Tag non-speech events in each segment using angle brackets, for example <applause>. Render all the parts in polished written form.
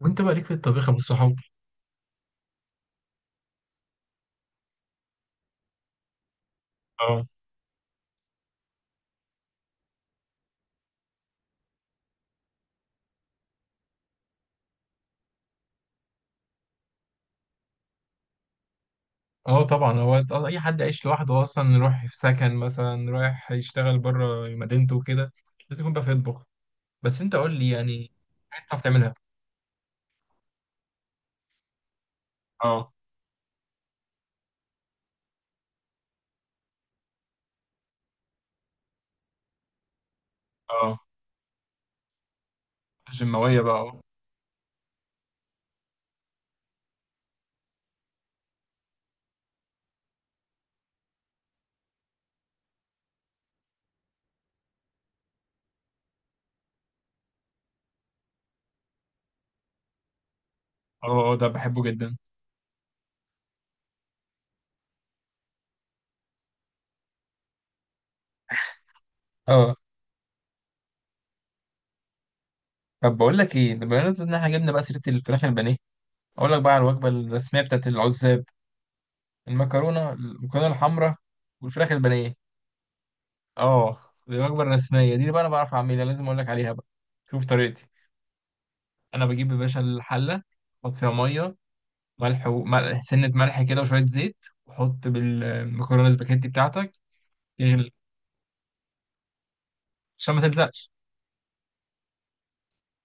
وانت بقى ليك في الطبيخ يا ابو الصحاب؟ اه. اه، طبعا. هو اي حد عايش لوحده اصلا، رايح في سكن مثلا، رايح يشتغل بره مدينته وكده، لازم يكون بقى في، يطبخ. بس انت قول لي يعني حاجات بتعرف تعملها. اه. اه، الجماويه بقى، اه. اه. ده بحبه جدا، اه. طب بقول لك ايه، بما ان احنا جبنا بقى سيره الفراخ البانيه، اقول لك بقى على الوجبه الرسميه بتاعت العزاب. المكرونه الحمراء والفراخ البانيه. اه. دي الوجبه الرسميه دي بقى، انا بعرف اعملها، لازم اقول لك عليها بقى. شوف طريقتي. انا بجيب يا باشا الحله، احط فيها ميه، ملح، وملح سنه ملح كده، وشويه زيت، وحط بالمكرونه سباكيتي بتاعتك. تغلي. عشان ما تلزقش.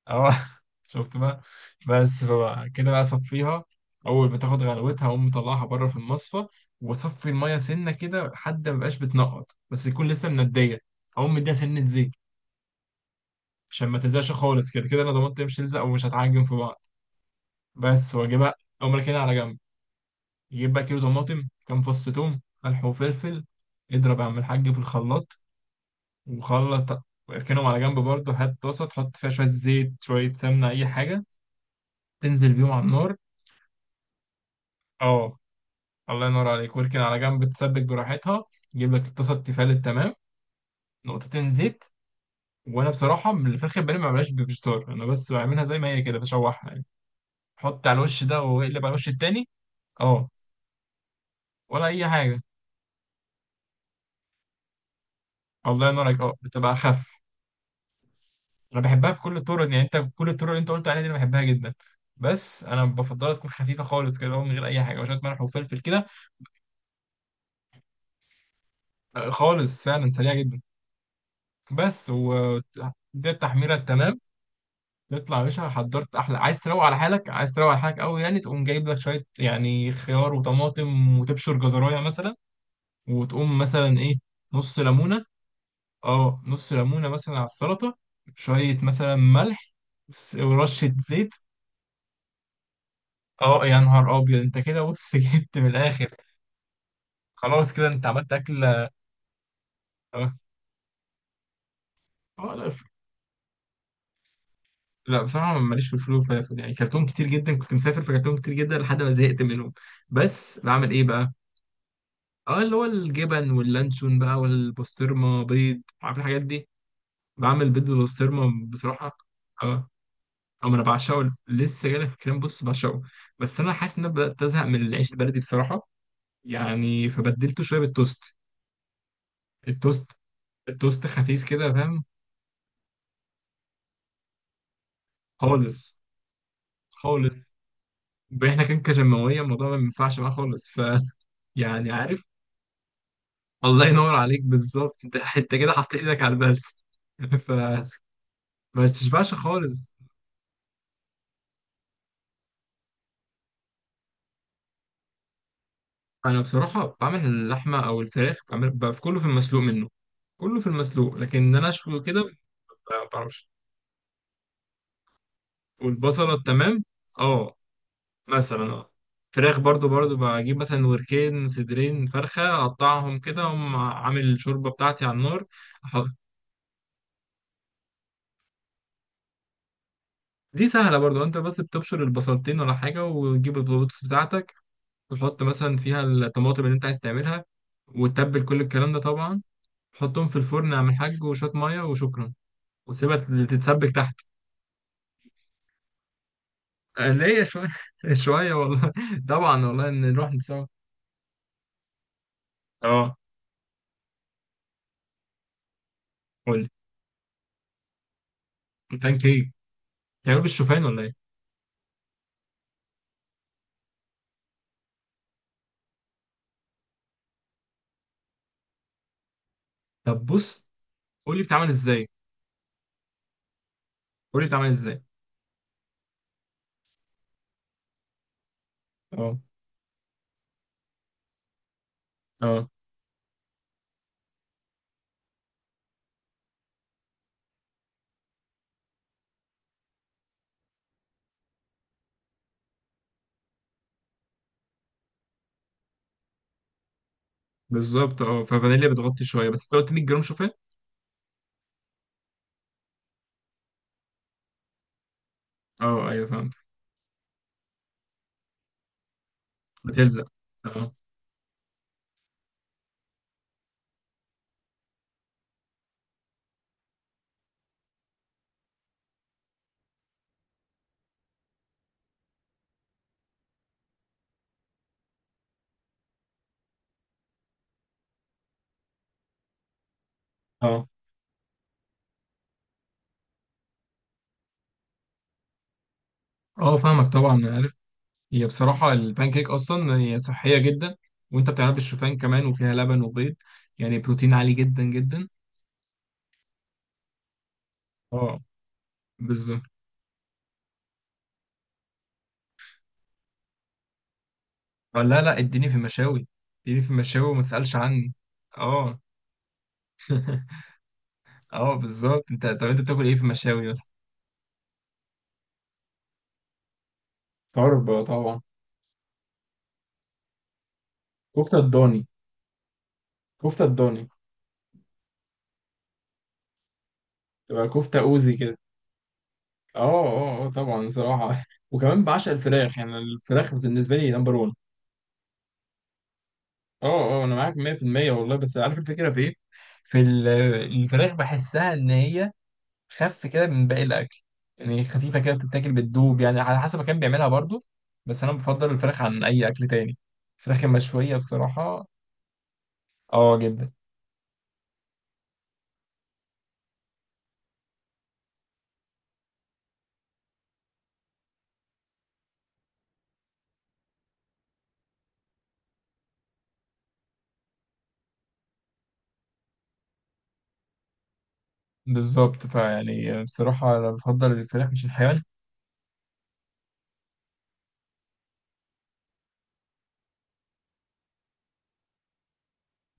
اه. <laughs> شفت بقى؟ بس بقى كده بقى صفيها، اول ما تاخد غلوتها اقوم مطلعها بره في المصفى، واصفي الميه سنه كده لحد ما يبقاش بتنقط، بس يكون لسه منديه. اقوم مديها سنه زيت عشان ما تلزقش خالص. كده كده انا ضمنت هي مش هتلزق ومش هتعجن في بعض. بس واجيبها، اقوم راكنها على جنب. جيب بقى كيلو طماطم، كام فص توم، ملح وفلفل، اضرب يا عم الحاج في الخلاط. وخلص، واركنهم على جنب برضه. هات طاسة تحط فيها شوية زيت، شوية سمنة، أي حاجة، تنزل بيهم على النار. اه، الله ينور عليك، واركن على جنب تسبك براحتها. جيب لك الطاسة التيفال التمام، نقطتين زيت. وأنا بصراحة، من الفراخ البانيه ما بعملهاش بفيجيتار، أنا بس بعملها زي ما هي كده، بشوحها يعني. حط على الوش ده واقلب على الوش التاني. اه، ولا أي حاجة. الله ينور عليك، اه، بتبقى أخف. انا بحبها بكل الطرق يعني، انت بكل الطرق اللي انت قلت عليها دي انا بحبها جدا. بس انا بفضلها تكون خفيفه خالص كده، اللي هو من غير اي حاجه، وشويه ملح وفلفل كده. خالص فعلا، سريعه جدا. بس و... دي التحميره التمام. تطلع يا باشا حضرت احلى. عايز تروق على حالك، عايز تروق على حالك قوي يعني، تقوم جايب لك شويه يعني خيار وطماطم، وتبشر جزرايه مثلا. وتقوم مثلا ايه، نص ليمونه. اه، نص ليمونه مثلا على السلطه، شويه مثلا ملح، ورشه زيت. اه يا نهار ابيض انت، كده بص <laughs> جبت من الاخر. خلاص كده، انت عملت اكل، اه. لا، لا بصراحه ماليش في الفول والفلافل يعني. كرتون كتير جدا كنت مسافر، في كرتون كتير جدا لحد ما زهقت منهم. بس بعمل ايه بقى. اه، اللي هو الجبن واللانشون بقى، والبسطرمه، بيض، عارف الحاجات دي. بعمل بيض بالبسطرمه بصراحه. اه. او، انا بعشقه، لسه جايلك في الكلام بص بعشقه. بس انا حاسس ان انا بدات ازهق من العيش البلدي بصراحه، يعني فبدلته شويه بالتوست. التوست. التوست خفيف كده، فاهم؟ خالص. خالص. احنا كان كجماوية، الموضوع ما ينفعش معاه خالص. ف... يعني عارف. الله ينور عليك بالظبط انت <laughs> انت كده حطيت ايدك على البلد. <laughs> ف... ما تشبعش خالص. انا بصراحة بعمل اللحمة او الفراخ، بعمل كله في المسلوق منه. كله في المسلوق، لكن ان انا اشوي كده ما بعرفش. والبصلة تمام. اه. مثلا اه، فراخ برضو، بجيب مثلا وركين صدرين فرخة، اقطعهم كده، اقوم عامل الشوربة بتاعتي على النار. أح- دي سهلة برضو. انت بس بتبشر البصلتين ولا حاجة، وتجيب البطاطس بتاعتك، وتحط مثلا فيها الطماطم اللي انت عايز تعملها، وتتبل كل الكلام ده طبعا. تحطهم في الفرن، اعمل حاج، وشوية مية وشكرا. وسيبها تتسبك تحت. ليه شوية. <laughs> شوية والله، <laughs> طبعا والله، نروح نسوا. اه. قولي. بان كيك. بتعمله بالشوفان ولا ايه؟ طب بص، قولي بتعمل ازاي قولي بتعمل ازاي؟ اه. اه بالظبط، اه ففانيليا بتغطي شوية، بس انت قلت 100 جرام شوفان؟ اه ايوه فهمت. بتلزق. اه. اه. اه فاهمك طبعا، انا عارف. هي بصراحه البانكيك اصلا هي صحيه جدا، وانت بتعملها بالشوفان كمان، وفيها لبن وبيض، يعني بروتين عالي جدا جدا. اه. بالظبط. اه، لا لا، اديني في المشاوي، اديني في المشاوي وما تسالش عني. اه. <laughs> اه، بالظبط انت. طب انت بتاكل ايه في المشاوي اصلا؟ طرب طبعا. كفتة الضاني، كفتة الضاني، تبقى كفتة أوزي كده. اه. اه، اه، طبعا بصراحة <laughs> وكمان بعشق الفراخ يعني. الفراخ بالنسبة لي نمبر واحد. اه. اه انا معاك 100% والله. بس عارف الفكره في ايه؟ في ال- الفراخ بحسها ان هي خف كده من باقي الاكل، يعني خفيفه كده، بتتاكل بتدوب يعني، على حسب كان بيعملها برضو. بس انا بفضل الفراخ عن اي اكل تاني، الفراخ المشويه بصراحه. اه جدا. بالظبط، فيعني بصراحه انا بفضل الفراخ مش الحيوان.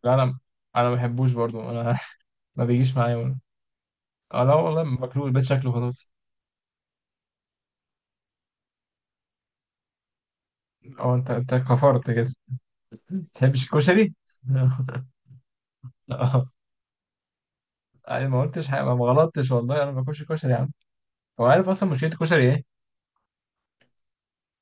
لا انا، انا ما بحبوش برضو، انا <laughs> ما بيجيش معايا ولا. اه لا والله ماكلوش، بقيت شكله خلاص. اه، انت كفرت كده <laughs> ما تحبش الكشري؟ <laughs> اه، انا ما قلتش حاجه، ما غلطتش والله، انا ما باكلش كشري يا عم. هو عارف اصلا مشكله الكشري ايه؟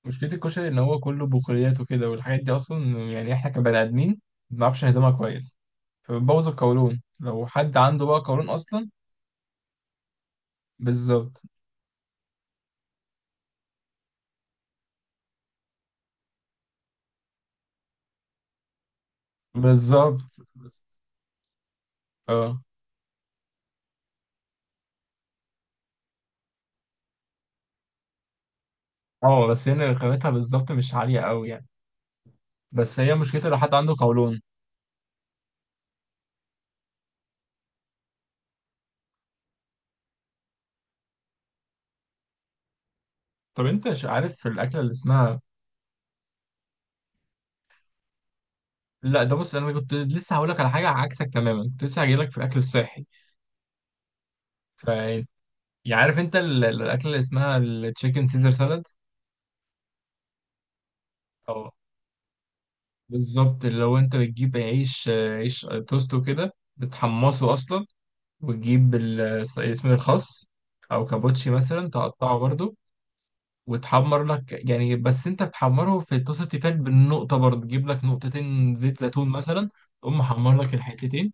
مشكله الكشري ان هو كله بقوليات وكده، والحاجات دي اصلا يعني احنا كبني ادمين ما بنعرفش نهضمها كويس، فبتبوظ القولون لو حد عنده بقى قولون اصلا. بالظبط. بالظبط. بس- اه. اه. بس هنا رخامتها بالظبط مش عاليه قوي يعني. بس هي مشكلتها لو حد عنده قولون. طب انت، عارف في الاكله اللي اسمها... لا ده بص، انا كنت لسه هقول لك على حاجه عكسك تماما، كنت لسه هجيلك في الاكل الصحي. فانت، يعني عارف انت الاكله اللي اسمها التشيكن سيزر سالاد؟ او، بالظبط، اللي هو انت بتجيب عيش، عيش توست وكده، بتحمصه اصلا. وتجيب اسمه الخس، او كابوتشي مثلا، تقطعه برضو، وتحمر لك يعني، بس انت بتحمره في طاسه تيفال بالنقطه برضو، تجيب لك نقطتين زيت زيتون مثلا، تقوم محمر لك الحتتين.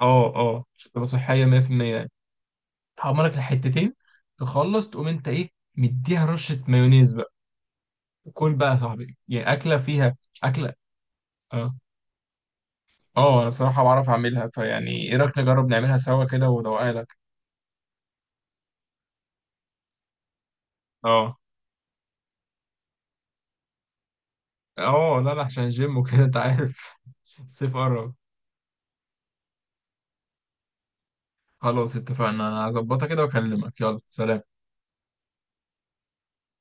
اه، عشان تبقى صحيه 100% يعني. تحمر لك الحتتين، تخلص تقوم انت ايه، مديها رشه مايونيز. كل بقى يا صاحبي، يعني أكلة فيها، أكلة. اه. اه، أنا بصراحة بعرف أعملها، فيعني إيه رأيك؟ نجرب نعملها سوا كده وأدوقها لك. اه. اه، لا لا، عشان الجيم وكده أنت عارف. <laughs> الصيف قرب. خلاص اتفقنا، أنا هظبطها كده وأكلمك. يلا سلام.